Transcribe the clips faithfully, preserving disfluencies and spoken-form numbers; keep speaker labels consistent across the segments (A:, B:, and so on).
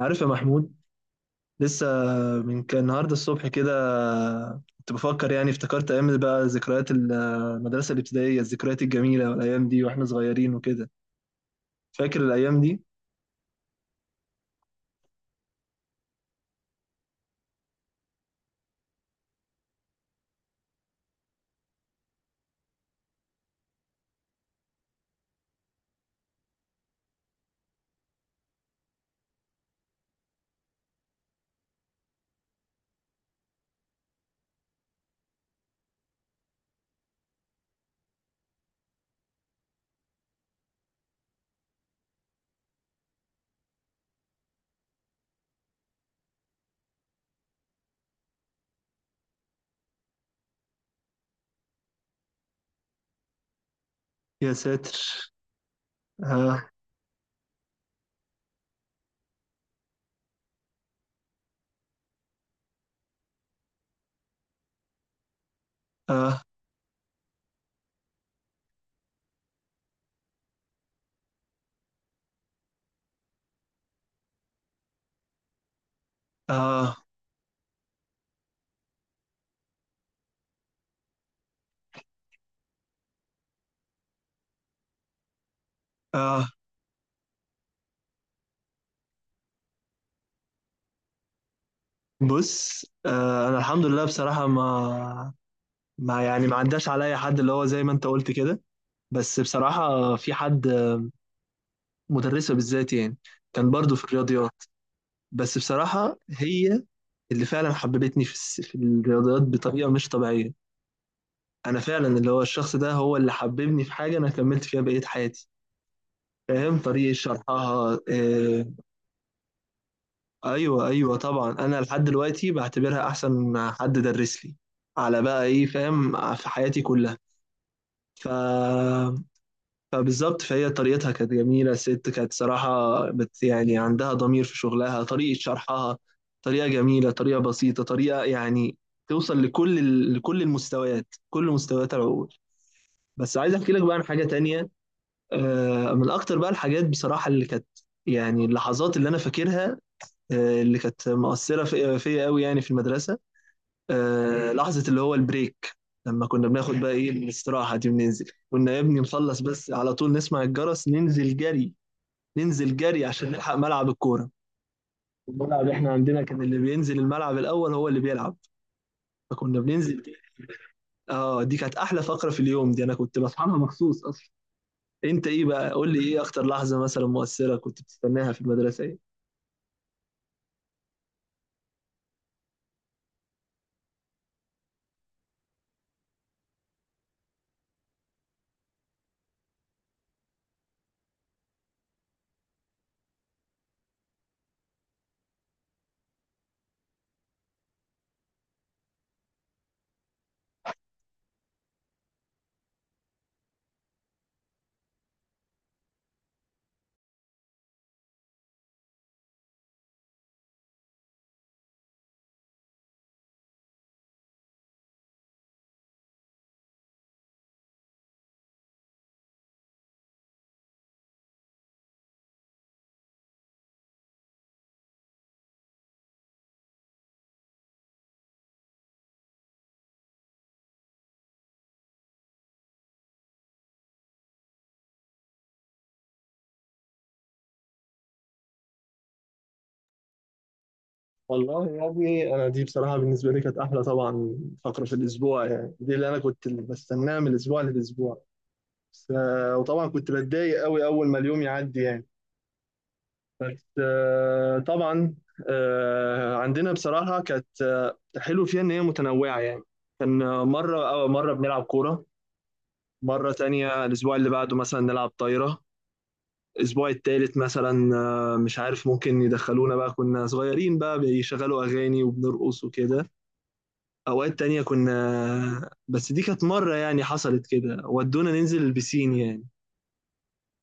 A: عارف يا محمود؟ لسه من كان النهارده الصبح كده كنت بفكر، يعني افتكرت ايام، بقى ذكريات ال- المدرسه الابتدائيه، الذكريات الجميله والايام دي واحنا صغيرين وكده. فاكر الايام دي؟ يا ساتر. اه اه اه اه. بص آه، انا الحمد لله بصراحه ما ما يعني ما عداش عليا حد اللي هو زي ما انت قلت كده. بس بصراحه في حد، مدرسه بالذات، يعني كان برضو في الرياضيات. بس بصراحه هي اللي فعلا حببتني في الس- في الرياضيات بطريقه مش طبيعيه. انا فعلا اللي هو الشخص ده هو اللي حببني في حاجه انا كملت فيها بقيه حياتي. فاهم؟ طريقه شرحها آه. ايوه ايوه طبعا، انا لحد دلوقتي بعتبرها احسن حد درس لي على بقى ايه، فاهم، في حياتي كلها. ف فبالظبط، فهي طريقتها كانت جميلة. الست كانت صراحة بت يعني عندها ضمير في شغلها. طريقة شرحها طريقة جميلة، طريقة بسيطة، طريقة يعني توصل لكل ال- لكل المستويات، كل مستويات العقول. بس عايز احكي لك بقى عن حاجة تانية. آه، من اكتر بقى الحاجات بصراحة اللي كانت، يعني اللحظات اللي انا فاكرها، آه، اللي كانت مؤثرة في- فيا قوي يعني في المدرسة، آه، لحظة اللي هو البريك. لما كنا بناخد بقى ايه الاستراحة دي وننزل، كنا يا ابني نخلص بس على طول نسمع الجرس ننزل جري. ننزل جري عشان نلحق ملعب الكورة. الملعب احنا عندنا كان اللي بينزل الملعب الأول هو اللي بيلعب، فكنا بننزل جري. اه، دي كانت أحلى فقرة في اليوم. دي أنا كنت بصحى لها مخصوص أصلا. أنت إيه بقى؟ قول لي إيه أكتر لحظة مثلا مؤثرة كنت بتستناها في المدرسة إيه؟ والله يا ابني انا دي بصراحه بالنسبه لي كانت احلى طبعا فقره في الاسبوع. يعني دي اللي انا كنت بستناها من الاسبوع للاسبوع. بس آه، وطبعا كنت بتضايق قوي اول ما اليوم يعدي يعني. بس آه، طبعا آه، عندنا بصراحه كانت آه، حلو فيها ان هي متنوعه يعني. كان آه، مره أو مره بنلعب كوره، مره تانية الاسبوع اللي بعده مثلا نلعب طايره، الاسبوع التالت مثلا آه، مش عارف، ممكن يدخلونا بقى، كنا صغيرين بقى، بيشغلوا اغاني وبنرقص وكده. اوقات تانية كنا آه، بس دي كانت مره يعني حصلت كده ودونا ننزل البسين يعني،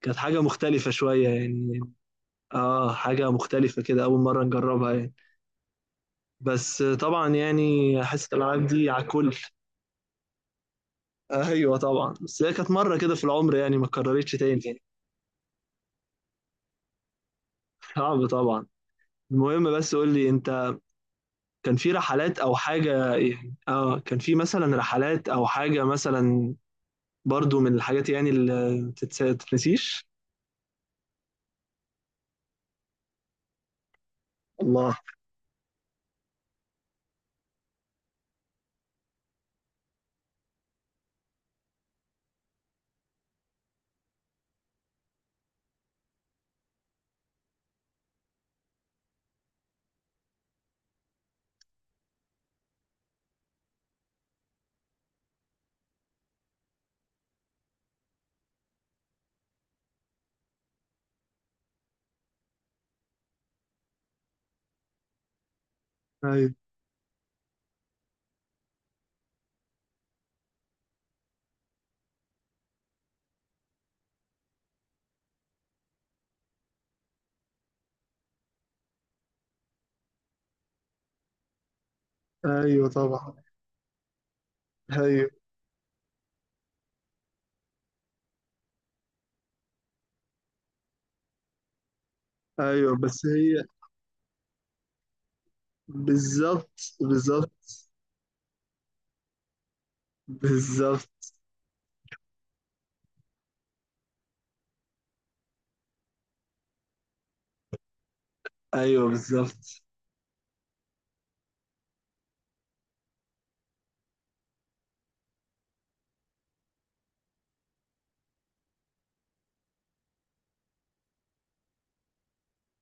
A: كانت حاجة مختلفة شوية يعني. اه حاجة مختلفة كده، أول مرة نجربها يعني. بس طبعا يعني حصة الألعاب دي على الكل. أيوة طبعا، بس هي كانت مرة كده في العمر يعني، ما اتكررتش تاني يعني. صعب طبعا. المهم بس قول لي أنت، كان في رحلات أو حاجة يعني؟ اه كان في مثلا رحلات أو حاجة مثلا، برضو من الحاجات يعني اللي ما تتس- تتنسيش. الله. ايوه ايوه طبعا. ايوه ايوه. بس هي بالظبط بالظبط. بالظبط. ايوه بالظبط.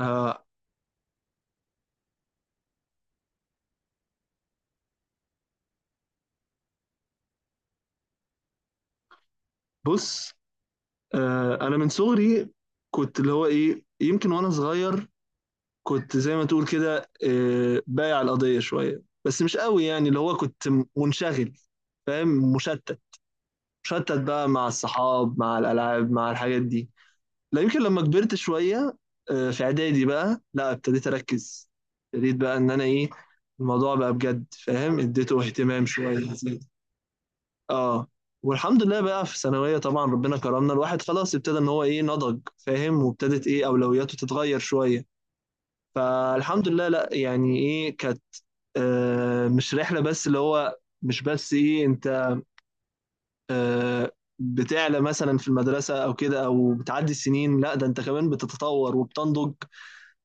A: آه. بص آه، انا من صغري كنت اللي هو ايه، يمكن وانا صغير كنت زي ما تقول كده آه، بايع القضيه شويه، بس مش قوي، يعني اللي هو كنت منشغل، فاهم، مشتت. مشتت بقى مع الصحاب مع الالعاب مع الحاجات دي. لا يمكن لما كبرت شويه آه، في اعدادي بقى لا ابتديت اركز، ابتديت بقى ان انا ايه، الموضوع بقى بجد فاهم، اديته اهتمام شويه. اه. والحمد لله بقى في ثانوية طبعا ربنا كرمنا، الواحد خلاص ابتدى ان هو ايه، نضج فاهم، وابتدت ايه اولوياته تتغير شوية. فالحمد لله، لا يعني ايه كانت آه، مش رحلة بس اللي هو، مش بس ايه انت آه، بتعلى مثلا في المدرسة او كده، او بتعدي السنين، لا ده انت كمان بتتطور وبتنضج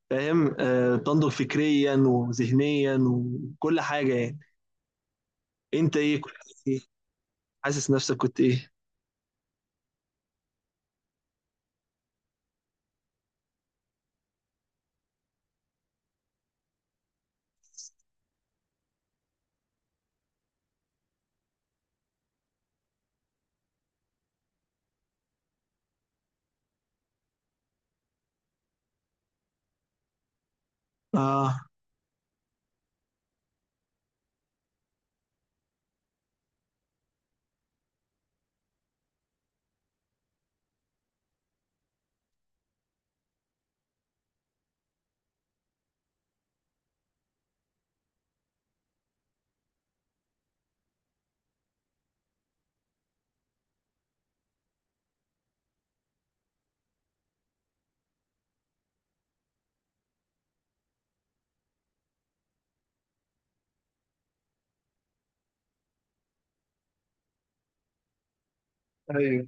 A: فاهم، آه، بتنضج فكريا وذهنيا وكل حاجة يعني. انت ايه كنت إيه؟ حاسس نفسك كنت ايه؟ اه ايوه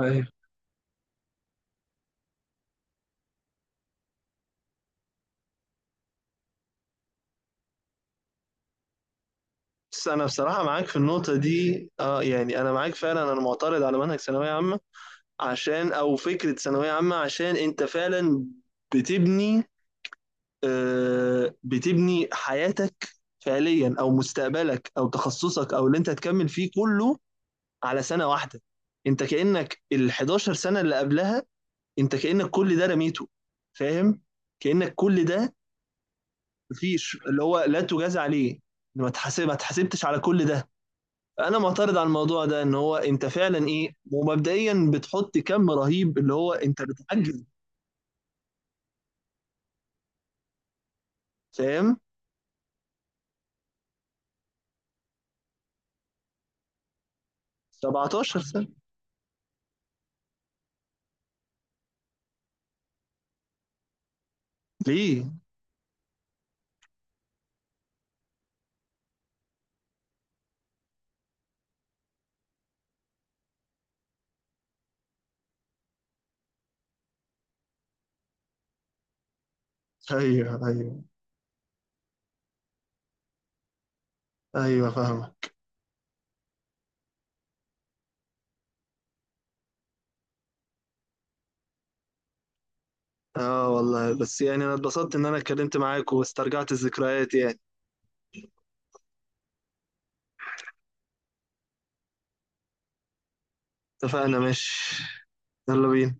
A: ايوه. بس انا بصراحه معاك في النقطه دي، اه يعني انا معاك فعلا، انا معترض على منهج ثانويه عامه، عشان او فكره ثانويه عامه، عشان انت فعلا بتبني آه، بتبني حياتك فعليا او مستقبلك او تخصصك او اللي انت هتكمل فيه كله على سنه واحده. انت كانك ال حداشر سنه اللي قبلها انت كانك كل ده رميته، فاهم، كانك كل ده مفيش اللي هو لا تجاز عليه، ما تحاسب ما تحاسبتش على كل ده. انا معترض على الموضوع ده ان هو انت فعلا ايه، ومبدئيا بتحط كم رهيب اللي هو انت بتعجز فاهم. سبعتاشر سنة. ليه؟ ايوه ايوه ايوه فاهمة. اه والله بس يعني انا اتبسطت ان انا اتكلمت معاك واسترجعت الذكريات يعني. اتفقنا ماشي. يلا بينا.